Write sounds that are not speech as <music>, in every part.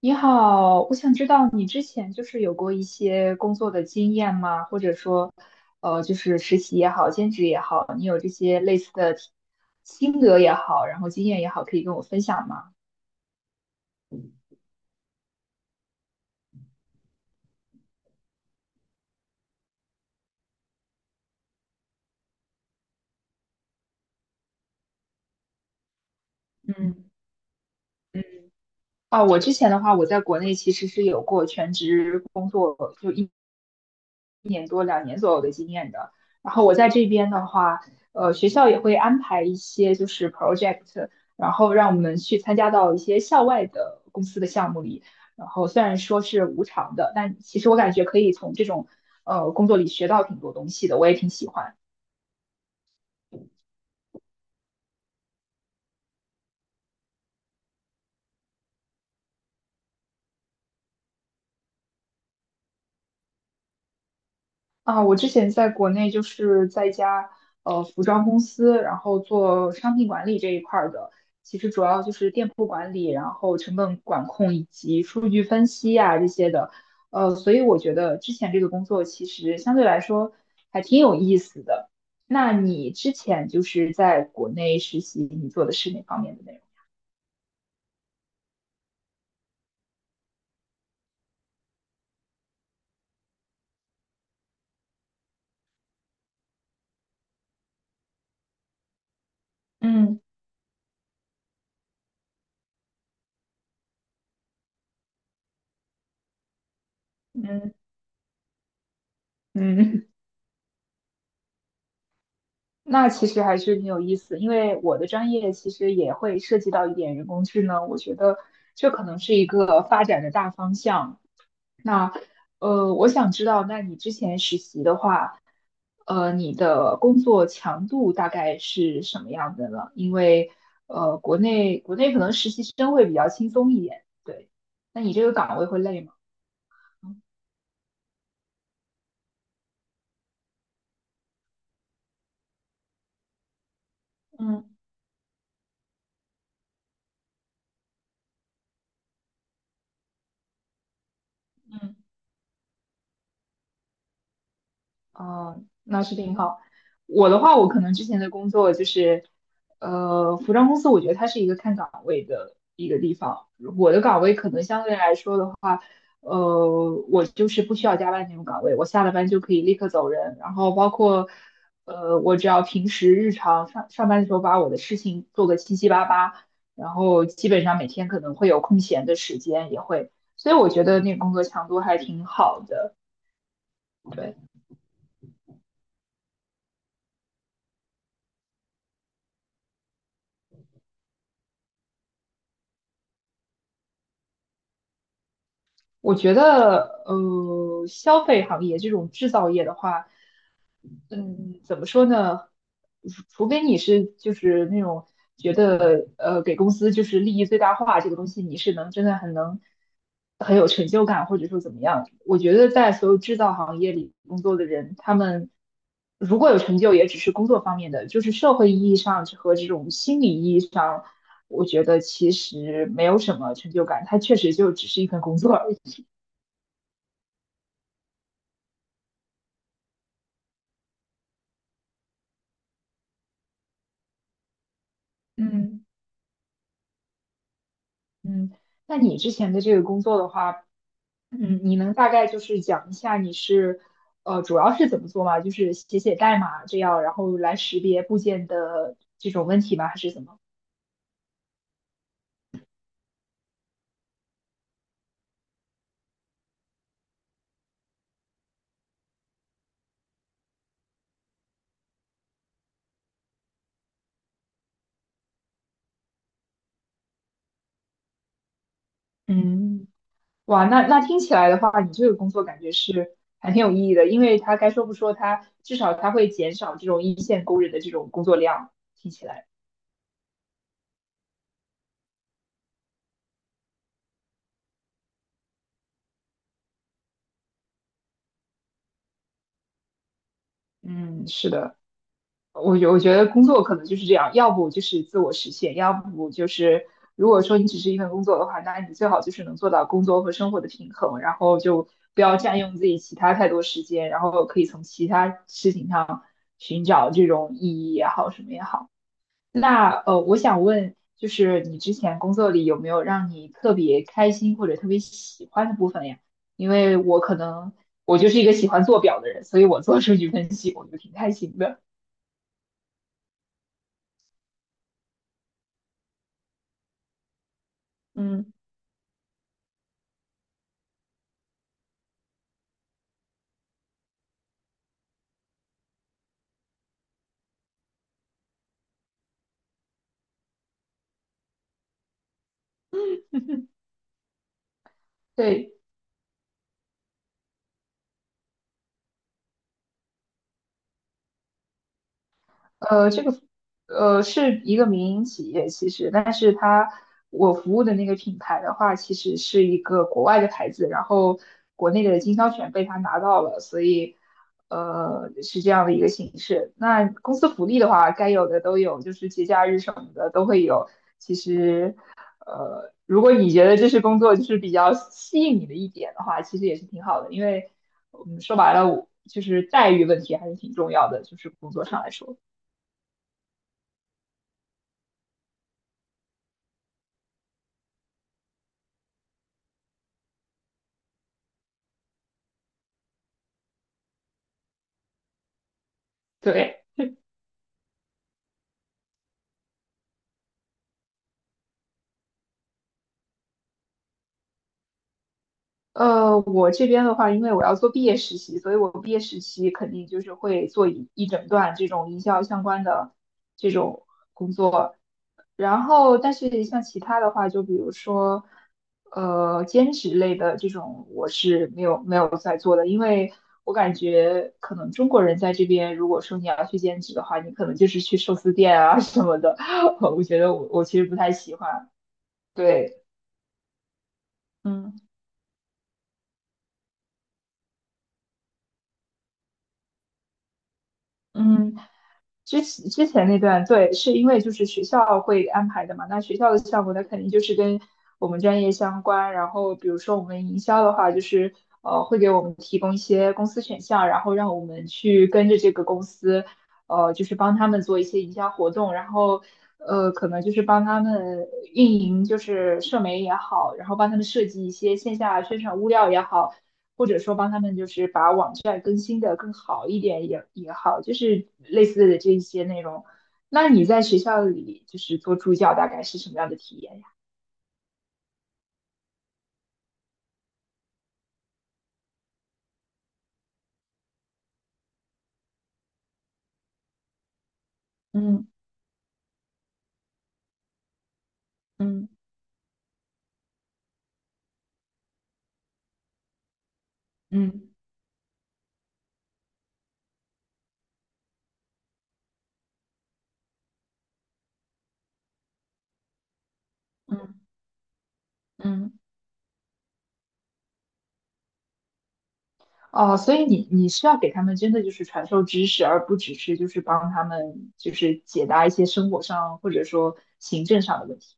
你好，我想知道你之前就是有过一些工作的经验吗？或者说，就是实习也好，兼职也好，你有这些类似的体心得也好，然后经验也好，可以跟我分享吗？嗯，嗯。啊，我之前的话，我在国内其实是有过全职工作。有两年左右的经验的。然后我在这边的话，学校也会安排一些就是 project，然后让我们去参加到一些校外的公司的项目里。然后虽然说是无偿的，但其实我感觉可以从这种工作里学到挺多东西的，我也挺喜欢。啊，我之前在国内就是在一家服装公司，然后做商品管理这一块儿的，其实主要就是店铺管理，然后成本管控以及数据分析啊这些的。所以我觉得之前这个工作其实相对来说还挺有意思的。那你之前就是在国内实习，你做的是哪方面的内容？嗯嗯。嗯那其实还是挺有意思，因为我的专业其实也会涉及到一点人工智能，我觉得这可能是一个发展的大方向。那我想知道，那你之前实习的话，你的工作强度大概是什么样的呢？因为国内可能实习生会比较轻松一点，对。那你这个岗位会累吗？嗯嗯。哦，那是挺好。我的话，我可能之前的工作就是，服装公司，我觉得它是一个看岗位的一个地方。我的岗位可能相对来说的话，我就是不需要加班那种岗位，我下了班就可以立刻走人。然后包括，我只要平时日常上上班的时候把我的事情做个七七八八，然后基本上每天可能会有空闲的时间，也会，所以我觉得那个工作强度还挺好的。对。我觉得，消费行业这种制造业的话，嗯，怎么说呢？除非你是就是那种觉得，给公司就是利益最大化这个东西，你是能真的很能很有成就感，或者说怎么样？我觉得在所有制造行业里工作的人，他们如果有成就，也只是工作方面的，就是社会意义上和这种心理意义上，我觉得其实没有什么成就感，它确实就只是一份工作而已。嗯。嗯，那你之前的这个工作的话，你能大概就是讲一下你是，主要是怎么做吗？就是写写代码这样，然后来识别部件的这种问题吗？还是怎么？嗯，哇，那听起来的话，你这个工作感觉是还挺有意义的，因为它该说不说，它至少它会减少这种一线工人的这种工作量。听起来，嗯，是的。我觉得工作可能就是这样，要不就是自我实现，要不就是如果说你只是一份工作的话，那你最好就是能做到工作和生活的平衡，然后就不要占用自己其他太多时间，然后可以从其他事情上寻找这种意义也好，什么也好。那我想问，就是你之前工作里有没有让你特别开心或者特别喜欢的部分呀？因为我可能我就是一个喜欢做表的人，所以我做数据分析我就挺开心的，嗯。对，这个是一个民营企业，其实，但是它我服务的那个品牌的话，其实是一个国外的牌子，然后国内的经销权被他拿到了，所以是这样的一个形式。那公司福利的话，该有的都有，就是节假日什么的都会有。其实，如果你觉得这是工作就是比较吸引你的一点的话，其实也是挺好的，因为说白了，我就是待遇问题还是挺重要的，就是工作上来说。对，我这边的话，因为我要做毕业实习，所以我毕业实习肯定就是会做一整段这种营销相关的这种，然后但是像其他的话，就比如说，兼职类的这种，我是没有在做的，因为我感觉可能中国人在这边，如果说你要去兼职的话，你可能就是去寿司店啊 <laughs> 什么的，<laughs> 我觉得我其实不太喜欢。对，嗯嗯。之前那段，对，是因为就是学校会安排的嘛。那学校的项目，那肯定就是跟我们专业相关。然后，比如说我们营销的话，就是会给我们提供一些公司选项，然后让我们去跟着这个公司，就是帮他们做一些营销活动，然后可能就是帮他们运营，就是社媒也好，然后帮他们设计一些线下宣传物料也好。或者说帮他们就是把网站更新的更好一点也好，就是类似的这些内容。那你在学校里就是做助教，大概是什么样的体验呀？嗯嗯嗯嗯嗯。哦，所以你是要给他们真的就是传授知识，而不只是就是帮他们就是解答一些生活上或者说行政上的问题。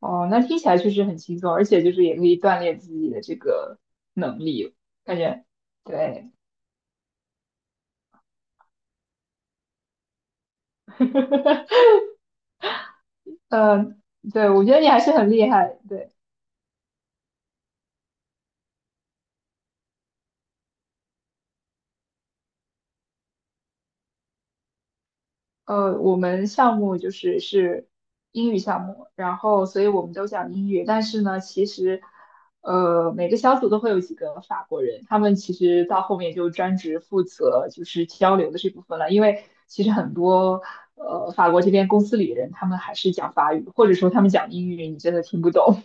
哦，那听起来确实很轻松，而且就是也可以锻炼自己的这个能力，感觉对。<laughs> 呃，对，我觉得你还是很厉害。对，我们项目是英语项目，然后所以我们都讲英语，但是呢，其实每个小组都会有几个法国人，他们其实到后面就专职负责就是交流的这部分了，因为其实很多法国这边公司里的人他们还是讲法语，或者说他们讲英语，你真的听不懂。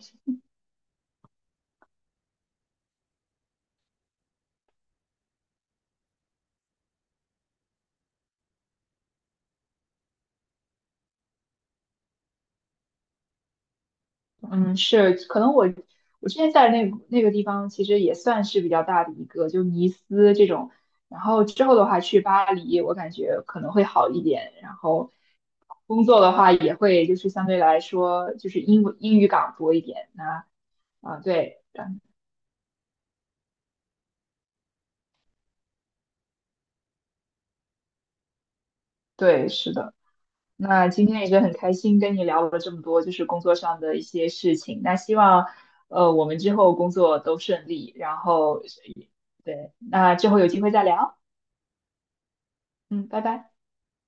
嗯，是，可能我之前在那个地方，其实也算是比较大的一个，就尼斯这种。然后之后的话去巴黎，我感觉可能会好一点。然后工作的话，也会就是相对来说就是英语岗多一点。那啊，对对，是的。那今天也是很开心跟你聊了这么多，就是工作上的一些事情。那希望我们之后工作都顺利。然后对，那之后有机会再聊。嗯，拜拜。